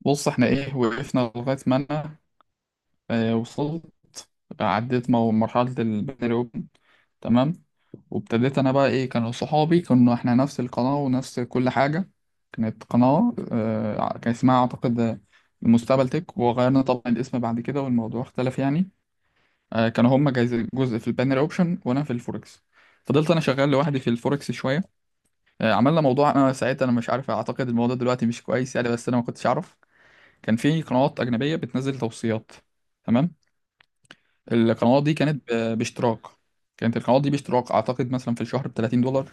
بص احنا وقفنا لغاية ما انا وصلت. عديت مرحلة البني اوبن. تمام. وابتديت انا بقى كانوا صحابي، كنا احنا نفس القناة ونفس كل حاجة. كانت قناة، كان اسمها اعتقد المستقبل تك، وغيرنا طبعا الاسم بعد كده والموضوع اختلف يعني. كانوا هما جزء في البانر اوبشن وانا في الفوركس. فضلت انا شغال لوحدي في الفوركس شوية. عملنا موضوع، انا ساعتها مش عارف، اعتقد الموضوع دلوقتي مش كويس يعني، بس انا ما كنتش اعرف. كان في قنوات أجنبية بتنزل توصيات. تمام. القنوات دي كانت باشتراك. كانت القنوات دي باشتراك، أعتقد مثلا في الشهر ب $30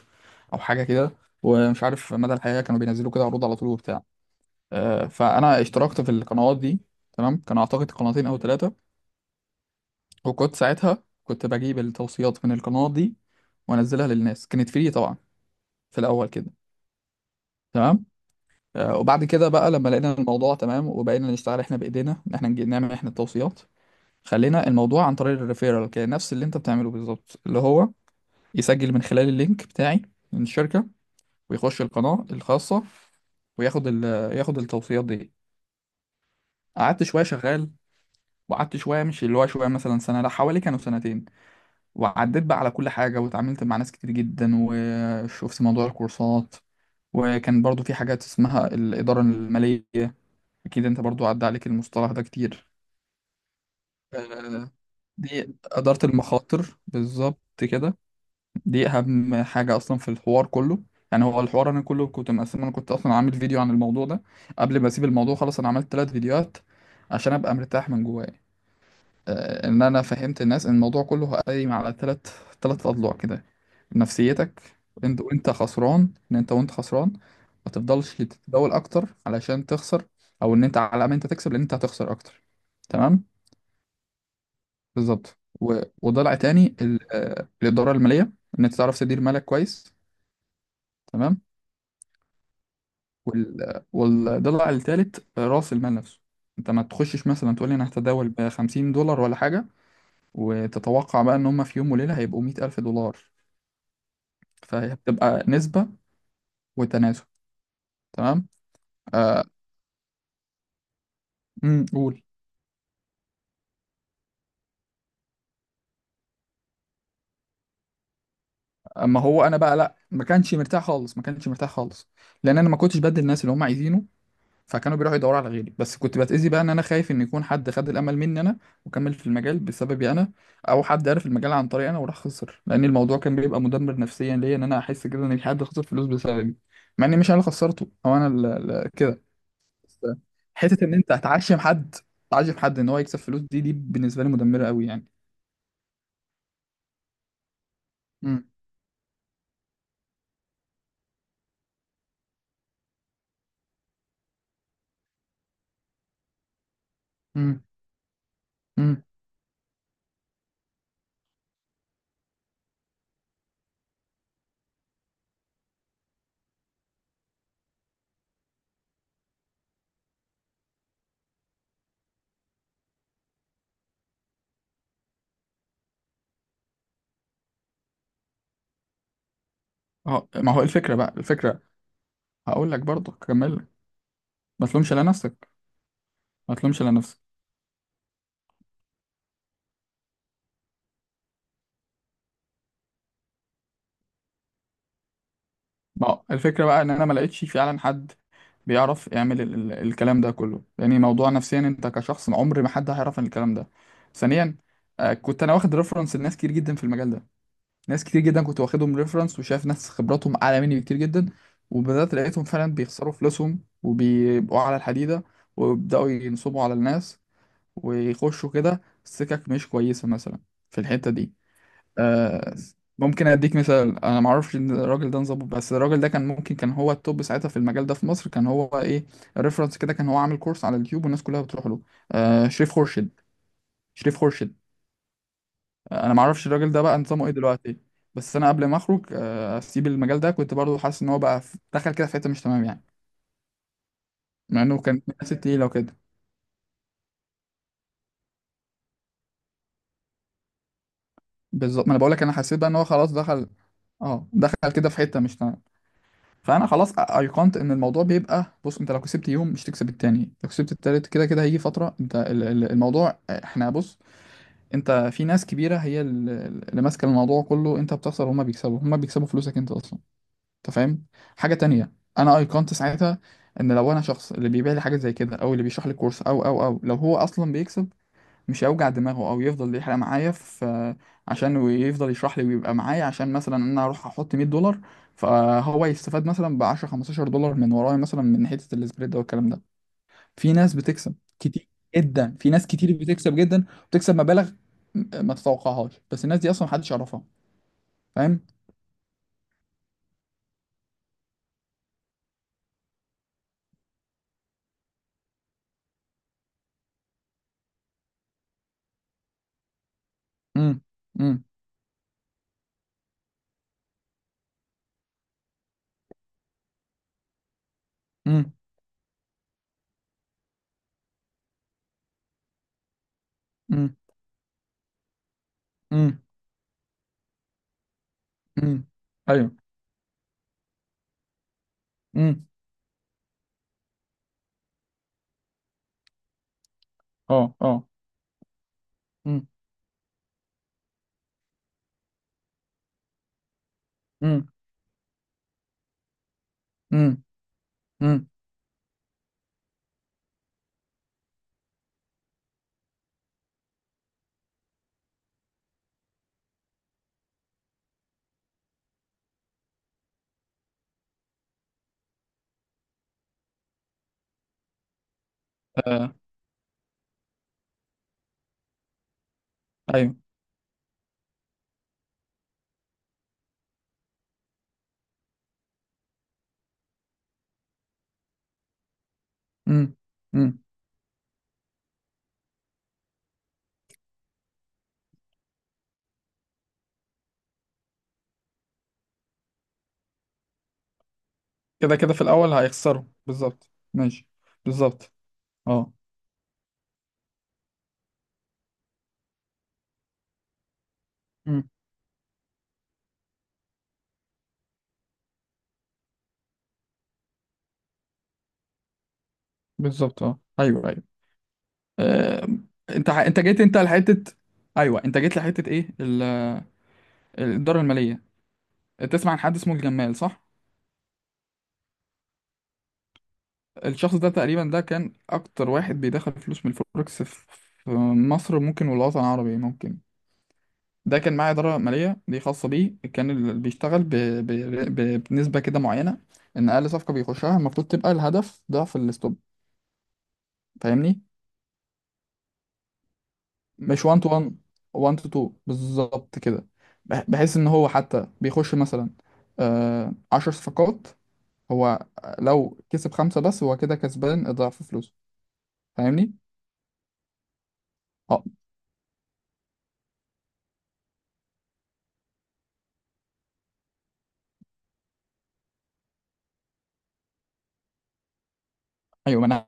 أو حاجة كده. ومش عارف مدى الحياة، كانوا بينزلوا كده عروض على طول وبتاع. فأنا اشتركت في القنوات دي. تمام. كان أعتقد قناتين أو ثلاثة. وكنت ساعتها كنت بجيب التوصيات من القنوات دي وأنزلها للناس، كانت فري طبعا في الأول كده. تمام. وبعد كده بقى لما لقينا الموضوع تمام وبقينا نشتغل احنا بإيدينا إن احنا نعمل احنا التوصيات. خلينا الموضوع عن طريق الريفيرال، كان نفس اللي انت بتعمله بالظبط، اللي هو يسجل من خلال اللينك بتاعي من الشركة ويخش القناة الخاصة وياخد ياخد التوصيات دي. قعدت شوية شغال، وقعدت شوية، مش اللي هو شوية مثلا سنة، لا حوالي كانوا سنتين. وعديت بقى على كل حاجة واتعاملت مع ناس كتير جدا، وشفت موضوع الكورسات. وكان برضو في حاجات اسمها الإدارة المالية. أكيد أنت برضو عدى عليك المصطلح ده كتير. آه، دي إدارة المخاطر بالظبط كده. دي اهم حاجه اصلا في الحوار كله. يعني هو الحوار انا كله كنت مقسم، انا كنت اصلا عامل فيديو عن الموضوع ده قبل ما اسيب الموضوع خلاص، انا عملت ثلاث فيديوهات عشان ابقى مرتاح من جوايا. ان انا فهمت الناس ان الموضوع كله قايم على ثلاث اضلاع كده. نفسيتك انت وانت خسران، ان انت وانت خسران ما تفضلش تتداول اكتر علشان تخسر، او ان انت على ما انت تكسب، لان انت هتخسر اكتر. تمام. بالظبط، وضلع تاني الاداره الماليه، ان انت تعرف تدير مالك كويس. تمام. والضلع التالت رأس المال نفسه. انت ما تخشش مثلا تقول لي انا هتداول ب $50 ولا حاجة، وتتوقع بقى ان هم في يوم وليلة هيبقوا 100 ألف دولار. فهي بتبقى نسبة وتناسب. تمام. آه. امم. قول. اما هو انا بقى لا، ما كانش مرتاح خالص، ما كانش مرتاح خالص، لان انا ما كنتش بدي الناس اللي هم عايزينه، فكانوا بيروحوا يدوروا على غيري. بس كنت بتأذي بقى، ان انا خايف ان يكون حد خد الامل مني انا وكمل في المجال بسببي انا، او حد عرف المجال عن طريقي انا وراح خسر، لان الموضوع كان بيبقى مدمر نفسيا ليا، ان انا احس كده ان في حد خسر فلوس بسببي، مع اني مش انا اللي خسرته او انا اللي كده. بس حتة ان انت هتعشم حد، تعشم حد ان هو يكسب فلوس، دي بالنسبة لي مدمرة قوي يعني. امم. امم. امم. اه. ما هو الفكرة بقى، الفكرة، هقول لك برضه كمل لك. ما تلومش على نفسك. ما تلومش على نفسك. ما هو الفكرة بقى ان انا ما لقيتش فعلا حد بيعرف يعمل ال ال الكلام ده كله. يعني موضوع نفسيا انت كشخص عمر ما حد هيعرف عن الكلام ده. ثانيا، كنت انا واخد ريفرنس لناس كتير جدا في المجال ده. ناس كتير جدا كنت واخدهم ريفرنس، وشايف ناس خبراتهم اعلى مني بكتير جدا، وبدأت لقيتهم فعلا بيخسروا فلوسهم وبيبقوا على الحديدة، ويبدأوا ينصبوا على الناس ويخشوا كده سكك مش كويسة مثلا في الحتة دي. آه، ممكن اديك مثال. انا ما اعرفش ان الراجل ده نظبط، بس الراجل ده كان ممكن كان هو التوب ساعتها في المجال ده في مصر. كان هو ريفرنس كده، كان هو عامل كورس على اليوتيوب والناس كلها بتروح له. شريف خورشيد. شريف خورشيد. انا ما اعرفش الراجل ده بقى نظامه ايه دلوقتي. بس انا قبل ما اخرج، اسيب المجال ده، كنت برضو حاسس ان هو بقى دخل كده في حته مش تمام يعني، مع انه كان من الناس التقيله وكده. بالظبط، ما انا بقول لك انا حسيت بقى ان هو خلاص دخل. اه، دخل كده في حته مش تمام. فانا خلاص ايقنت ان الموضوع بيبقى، بص، انت لو كسبت يوم مش تكسب التاني، لو كسبت التالت، كده كده هيجي فتره انت الموضوع، احنا بص، انت في ناس كبيره هي اللي ماسكه الموضوع كله. انت بتخسر وهما بيكسبوا، هما بيكسبوا فلوسك انت اصلا. انت فاهم. حاجه تانية، انا ايقنت ساعتها ان لو انا شخص، اللي بيبيع لي حاجه زي كده او اللي بيشرح لي كورس، او لو هو اصلا بيكسب، مش هيوجع دماغه او يفضل يحرق معايا في، عشان ويفضل يشرح لي ويبقى معايا، عشان مثلا انا اروح احط $100 فهو يستفاد مثلا ب 10 $15 من ورايا، مثلا من حته السبريد ده والكلام ده. في ناس بتكسب كتير جدا، في ناس كتير بتكسب جدا وتكسب مبالغ ما تتوقعهاش، بس الناس دي اصلا محدش يعرفها. فاهم. امم. امم. امم. امم. امم. امم. ايوه. امم. اه. اه. امم. امم. امم. امم. آه، ايوه. امم. امم. كده كده في الأول هيخسروا بالظبط. ماشي. بالظبط. اه. مم. بالظبط. اه. أيوه. أيوه. آه، أنت أنت جيت أنت لحتة، أيوه أنت جيت لحتة إيه الإدارة المالية. تسمع عن حد اسمه الجمال، صح؟ الشخص ده تقريبا ده كان أكتر واحد بيدخل فلوس من الفوركس في، في مصر ممكن والوطن العربي ممكن. ده كان معاه إدارة مالية دي خاصة بيه، كان اللي بيشتغل بنسبة كده معينة، إن أقل صفقة بيخشها المفروض تبقى الهدف ضعف الستوب. فاهمني؟ مش 1 تو 1، 1 تو 2 بالظبط كده. بحيث ان هو حتى بيخش مثلا 10 صفقات، هو لو كسب خمسة بس هو كده كسبان اضعاف فلوسه. فاهمني؟ اه. ايوه. ما انا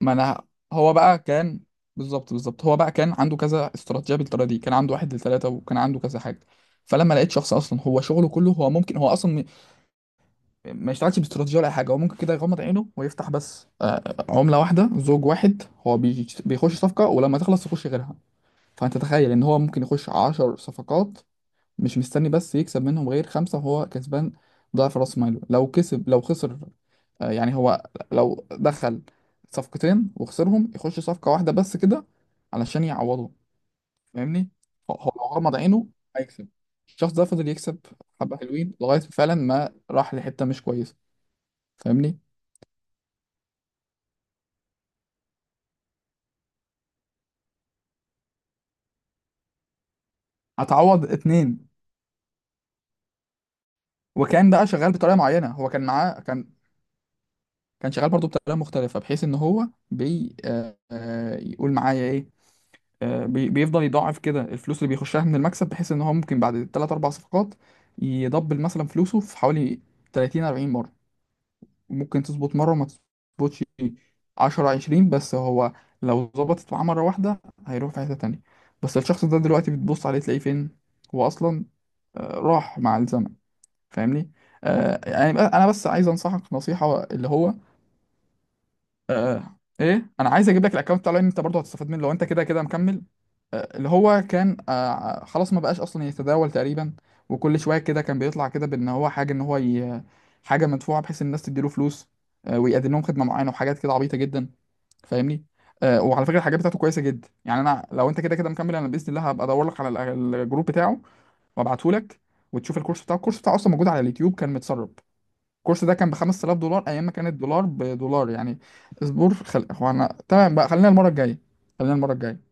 ما انا هو بقى كان، بالظبط بالظبط هو بقى كان عنده كذا استراتيجية بالطريقة دي، كان عنده واحد لثلاثة وكان عنده كذا حاجة. فلما لقيت شخص اصلا هو شغله كله، هو ممكن هو اصلا ما يشتغلش باستراتيجية ولا أي حاجة، هو ممكن كده يغمض عينه ويفتح بس، عملة واحدة زوج واحد، هو بيخش صفقة ولما تخلص يخش غيرها. فأنت تخيل إن هو ممكن يخش عشر صفقات، مش مستني بس يكسب منهم غير خمسة وهو كسبان ضعف رأس ماله. لو كسب لو خسر، يعني هو لو دخل صفقتين وخسرهم يخش صفقة واحدة بس كده علشان يعوضه. فاهمني. هو لو غمض عينه هيكسب. الشخص ده فضل يكسب حبة حلوين لغاية فعلا ما راح لحتة مش كويسة. فاهمني. هتعوض اتنين. وكان بقى شغال بطريقه معينه، هو كان معاه كان، كان شغال برضه بطريقه مختلفه بحيث ان هو بي آه آه، يقول معايا ايه، آه بي بيفضل يضاعف كده الفلوس اللي بيخشها من المكسب، بحيث ان هو ممكن بعد 3 4 صفقات يدبل مثلا فلوسه في حوالي 30 40 مره. وممكن تظبط مره وما تظبطش 10 20، بس هو لو ظبطت معاه مره واحده هيروح في حته تانيه. بس الشخص ده دلوقتي بتبص عليه تلاقيه فين، هو اصلا راح مع الزمن. فاهمني. انا بس عايز انصحك نصيحه اللي هو، آه ايه انا عايز اجيب لك الاكونت بتاع لاين، انت برضه هتستفاد منه لو انت كده كده مكمل. اللي هو كان، خلاص ما بقاش اصلا يتداول تقريبا، وكل شويه كده كان بيطلع كده بان هو حاجه ان هو حاجه مدفوعه بحيث الناس تديله فلوس. آه، ويقدم لهم خدمه معينه وحاجات كده عبيطه جدا. فاهمني. وعلى فكره الحاجات بتاعته كويسه جدا يعني. انا لو انت كده كده مكمل انا باذن الله هبقى ادور لك على الجروب بتاعه وابعته لك، وتشوف الكورس بتاعه. الكورس بتاعه اصلا موجود على اليوتيوب كان متسرب. الكورس ده كان ب $5,000 ايام ما كان الدولار بدولار يعني. اسبوع هو انا تمام بقى، خلينا المره الجايه. خلينا المره الجايه.